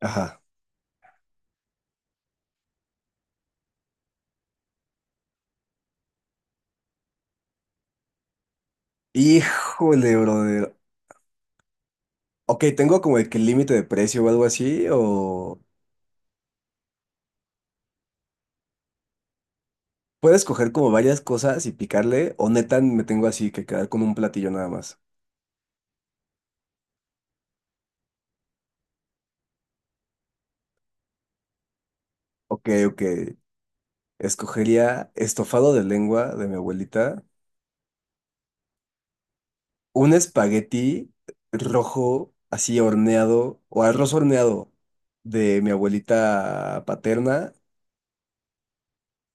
Ajá. Híjole, brother. Ok, tengo como el que límite de precio o algo así, o puedo escoger como varias cosas y picarle, o neta me tengo así que quedar con un platillo nada más. Ok, ok. Escogería estofado de lengua de mi abuelita, un espagueti rojo así horneado, o arroz horneado de mi abuelita paterna.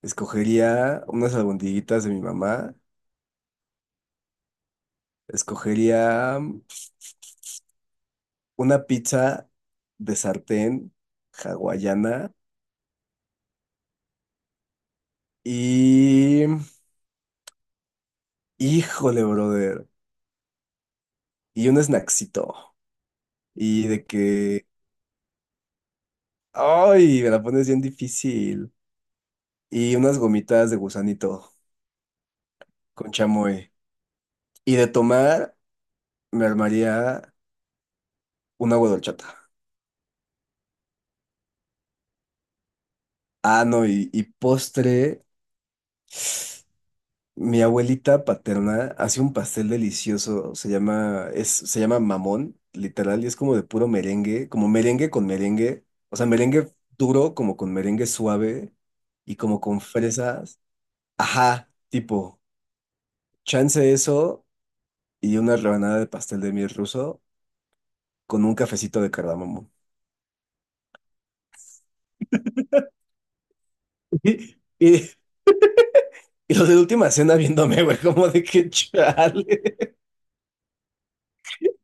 Escogería unas albondiguitas de mi mamá. Escogería una pizza de sartén hawaiana y Híjole, brother. Y un snacksito. Y de que... ¡Ay! Me la pones bien difícil. Y unas gomitas de gusanito con chamoy. Y de tomar, me armaría un agua de horchata. Ah, no, y postre. Mi abuelita paterna hace un pastel delicioso, se llama mamón, literal, y es como de puro merengue, como merengue con merengue, o sea, merengue duro, como con merengue suave y como con fresas. Ajá, tipo, chance eso y una rebanada de pastel de miel ruso con un cafecito de cardamomo. Y, y, y los de la última cena viéndome, güey, como de que chale,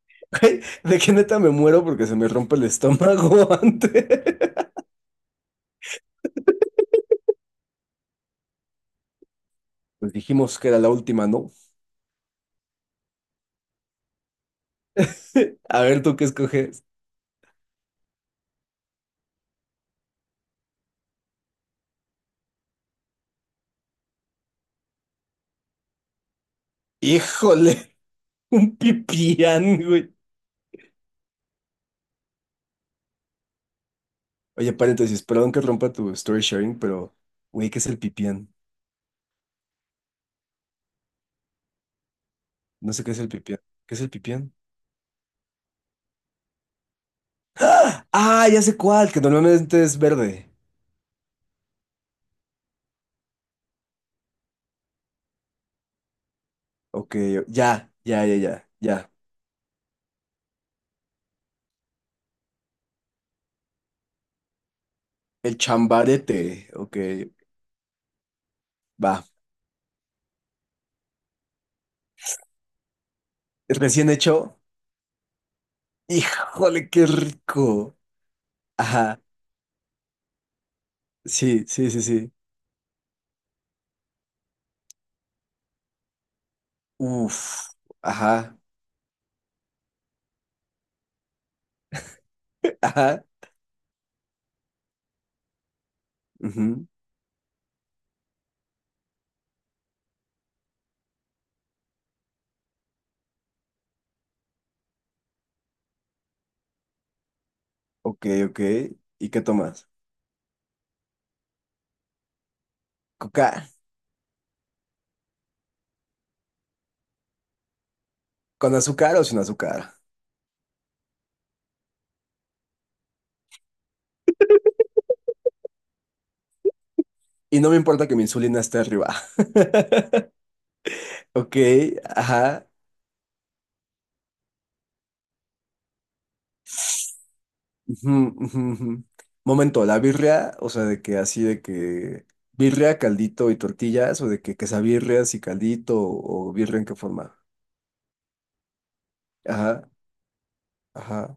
güey, de que neta me muero porque se me rompe el estómago antes. Pues dijimos que era la última, ¿no? A ver, ¿tú qué escoges? ¡Híjole! Un pipián, güey. Oye, paréntesis, perdón que rompa tu story sharing, pero, güey, ¿qué es el pipián? No sé qué es el pipián. ¿Qué es el pipián? ¡Ah! ¡Ah! Ya sé cuál, que normalmente es verde. Ok, ya, ya, ya, ya, ya. El chambarete. Ok, va. Recién hecho. ¡Híjole, qué rico! Ajá, sí, sí, sí, sí. Uf, ajá, ajá. Ujú. Ok, ok. ¿Y qué tomas? Coca. ¿Con azúcar o sin azúcar? Y no me importa que mi insulina esté arriba. Ok, ajá. Ujú, ujú, ujú. Momento, la birria, o sea, de que así de que birria, caldito y tortillas, o de que quesabirrias y caldito, o birria en qué forma. Ajá, ajá.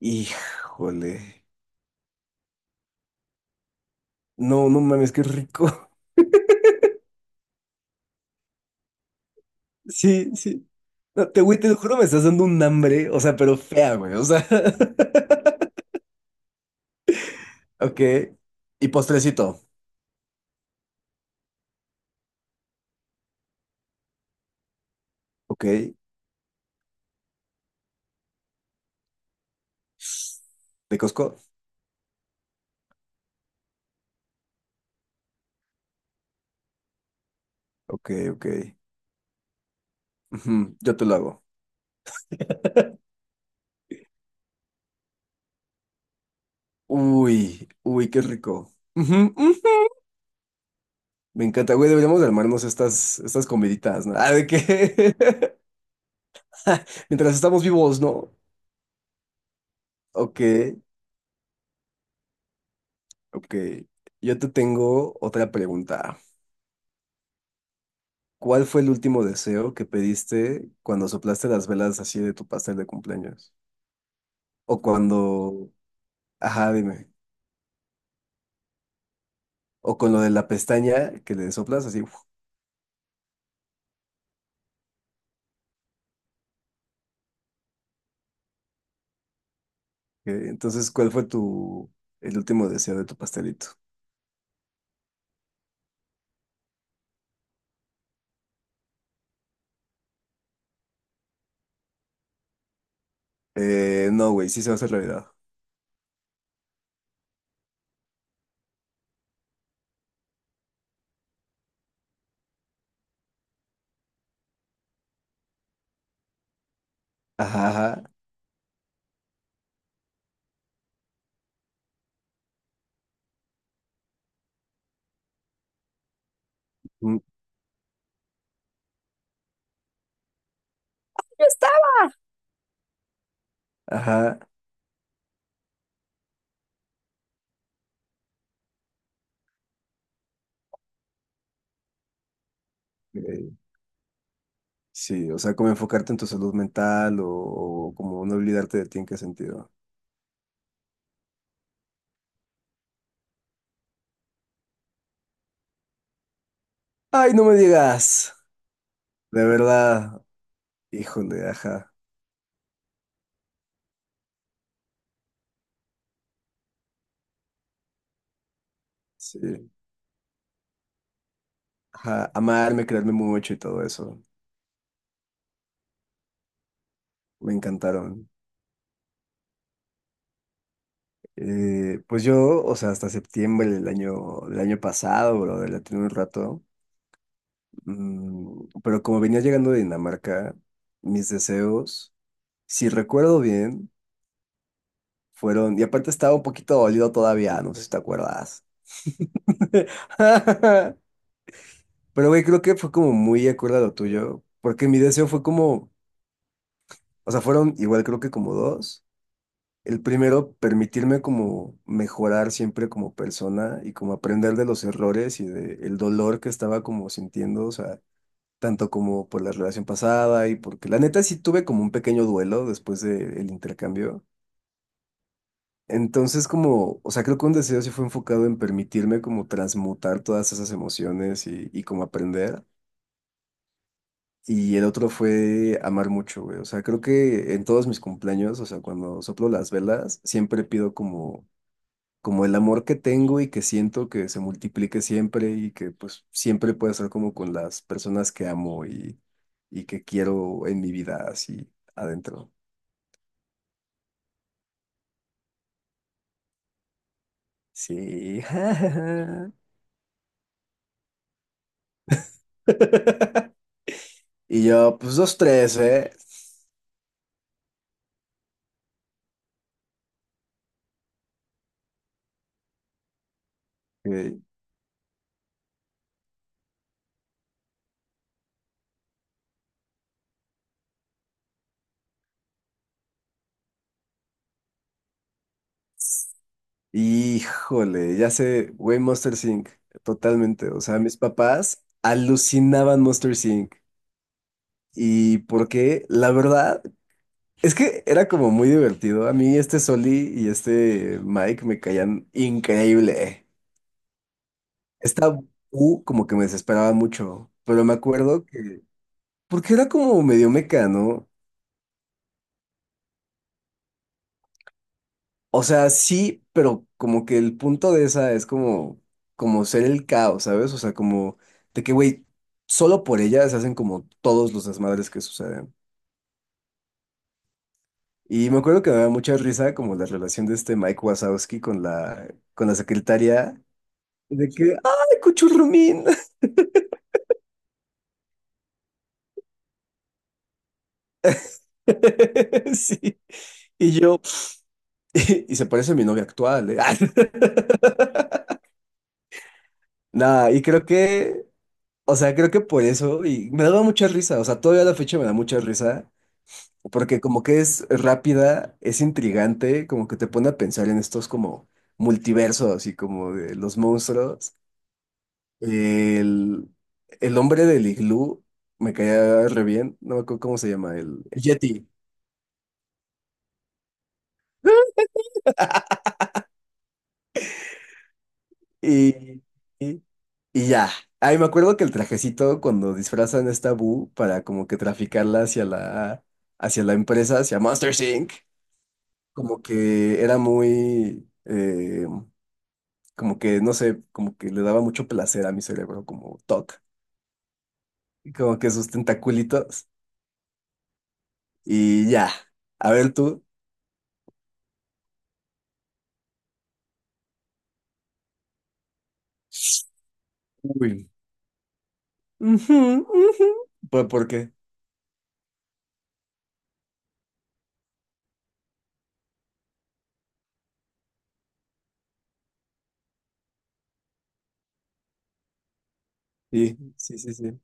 Híjole. No, no mames, qué rico. Sí, sí. No, te, güey, te lo juro, me estás dando un hambre, o sea, pero fea, güey, o sea. Ok. Y postrecito. Ok. ¿De Costco? Ok, ok. Ujú, yo te lo hago. Uy, uy, qué rico. Ujú, ujú. Me encanta, güey, deberíamos armarnos estas comiditas, ¿no? Ah, ¿de qué? Mientras estamos vivos, ¿no? Ok, ok. Yo te tengo otra pregunta. ¿Cuál fue el último deseo que pediste cuando soplaste las velas así de tu pastel de cumpleaños? O cuando, ajá, dime. O con lo de la pestaña que le soplas así. Entonces, ¿cuál fue tu el último deseo de tu pastelito? No, güey, sí se va a hacer realidad. Ajá, ajá. Mm. Ajá. eh, sí, o sea, como enfocarte en tu salud mental o como no olvidarte de ti en qué sentido. Ay, no me digas. De verdad. Híjole, ajá. Sí. Ajá, amarme, quererme mucho y todo eso. Me encantaron. Pues yo, o sea, hasta septiembre del año pasado, bro, la tuve un rato. Mm, pero como venía llegando de Dinamarca, mis deseos, si recuerdo bien, fueron. Y aparte estaba un poquito dolido todavía, no sé si te acuerdas. Pero, güey, creo que fue como muy acorde a lo tuyo, porque mi deseo fue como, o sea, fueron igual creo que como dos. El primero, permitirme como mejorar siempre como persona y como aprender de los errores y del dolor que estaba como sintiendo, o sea, tanto como por la relación pasada y porque la neta sí tuve como un pequeño duelo después del intercambio. Entonces como, o sea, creo que un deseo sí fue enfocado en permitirme como transmutar todas esas emociones y como aprender. Y el otro fue amar mucho, güey. O sea, creo que en todos mis cumpleaños, o sea, cuando soplo las velas, siempre pido como como el amor que tengo y que siento que se multiplique siempre y que pues siempre pueda ser como con las personas que amo y que quiero en mi vida así adentro. Sí. Y yo, pues dos, tres, ¿eh? Ok. Híjole, ya sé, güey, Monster Inc. Totalmente. O sea, mis papás alucinaban Monster Inc. ¿Y por qué? La verdad. Es que era como muy divertido. A mí este Soli y este Mike me caían increíble. Esta U como que me desesperaba mucho, pero me acuerdo que... Porque era como medio mecano. O sea, sí, pero como que el punto de esa es como, como ser el caos, ¿sabes? O sea, como de que, güey, solo por ella se hacen como todos los desmadres que suceden. Y me acuerdo que me daba mucha risa como la relación de este Mike Wazowski con la secretaria. De que, ¡ay, cuchurrumín! Sí. Y yo, y se parece a mi novia actual, ¿eh? Nada, y creo que, o sea, creo que por eso, y me daba mucha risa, o sea, todavía a la fecha me da mucha risa, porque como que es rápida, es intrigante, como que te pone a pensar en estos como multiversos y como de los monstruos. El, el hombre del iglú me caía re bien, no me acuerdo cómo se llama, el Yeti. Y, y, y ya. Ay, me acuerdo que el trajecito cuando disfrazan a esta Boo para como que traficarla hacia la empresa, hacia Monsters Inc., como que era muy, como que, no sé, como que le daba mucho placer a mi cerebro, como toc, y como que sus tentaculitos. Y ya. A ver tú. Uy. Ujú, ujú. Por qué? Sí, sí, sí, sí.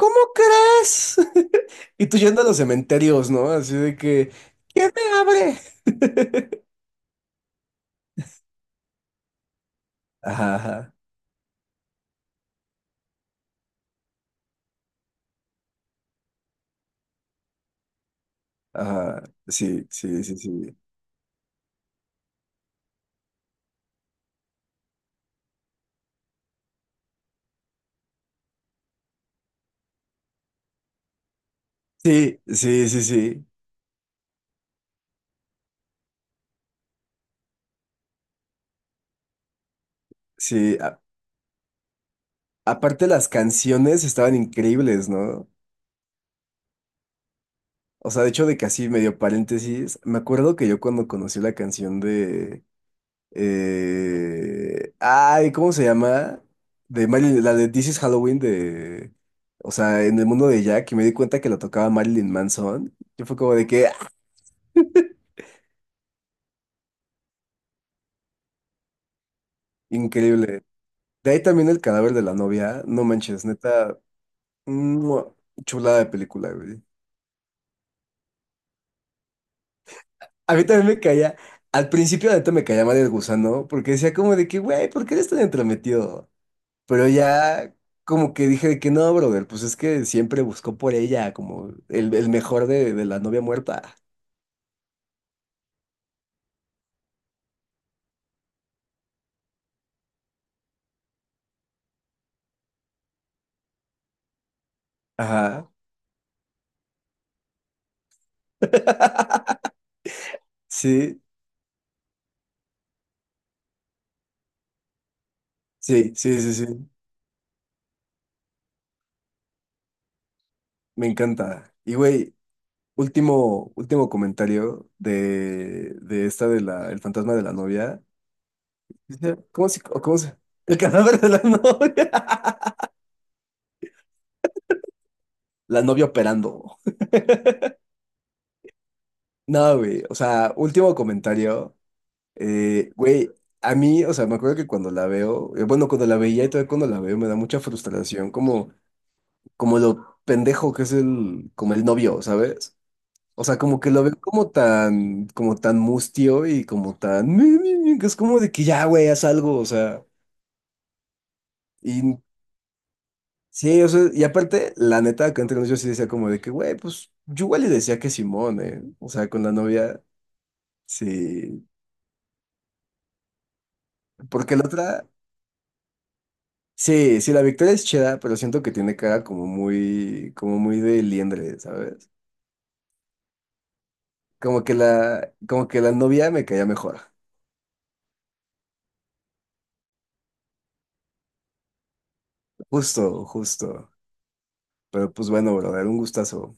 ¿Cómo crees? Y tú yendo a los cementerios, ¿no? Así de que, ¿quién me abre? Ajá, ajá, ajá. Sí, sí, sí, sí. Sí, sí, sí, sí. Sí. A- Aparte las canciones estaban increíbles, ¿no? O sea, de hecho, de que así medio paréntesis, me acuerdo que yo cuando conocí la canción de ¿cómo se llama? De Marilyn, la de This is Halloween de... O sea, en el mundo de Jack y me di cuenta que la tocaba Marilyn Manson. Yo fue como de que... ¡Ah! Increíble. De ahí también el cadáver de la novia. No manches, neta. ¡Mua! Chulada de película, güey. A mí también me caía... Al principio neta me caía mal el gusano porque decía como de que, güey, ¿por qué eres tan entrometido? Pero ya como que dije de que no, brother, pues es que siempre buscó por ella como el mejor de la novia muerta. Ajá. Sí, sí, sí, sí, sí. Me encanta. Y güey, último, último comentario de esta de la, el fantasma de la novia. Dice, ¿cómo se, o cómo se? El cadáver de la novia. La novia operando. No, güey. O sea, último comentario. Güey, a mí, o sea, me acuerdo que cuando la veo, bueno, cuando la veía y todavía cuando la veo me da mucha frustración, como, como lo pendejo que es el, como el novio, ¿sabes? O sea, como que lo veo como tan mustio y como tan, Mi", que es como de que ya, güey, haz algo, o sea, y sí, o sea, y aparte, la neta, que entre nosotros yo sí decía como de que, güey, pues, yo igual le decía que Simón, ¿eh? O sea, con la novia, sí, porque la otra... Sí, sí, la Victoria es chida, pero siento que tiene cara como muy de liendre, ¿sabes? Como que la novia me caía mejor. Justo, justo. Pero pues bueno, brother, un gustazo.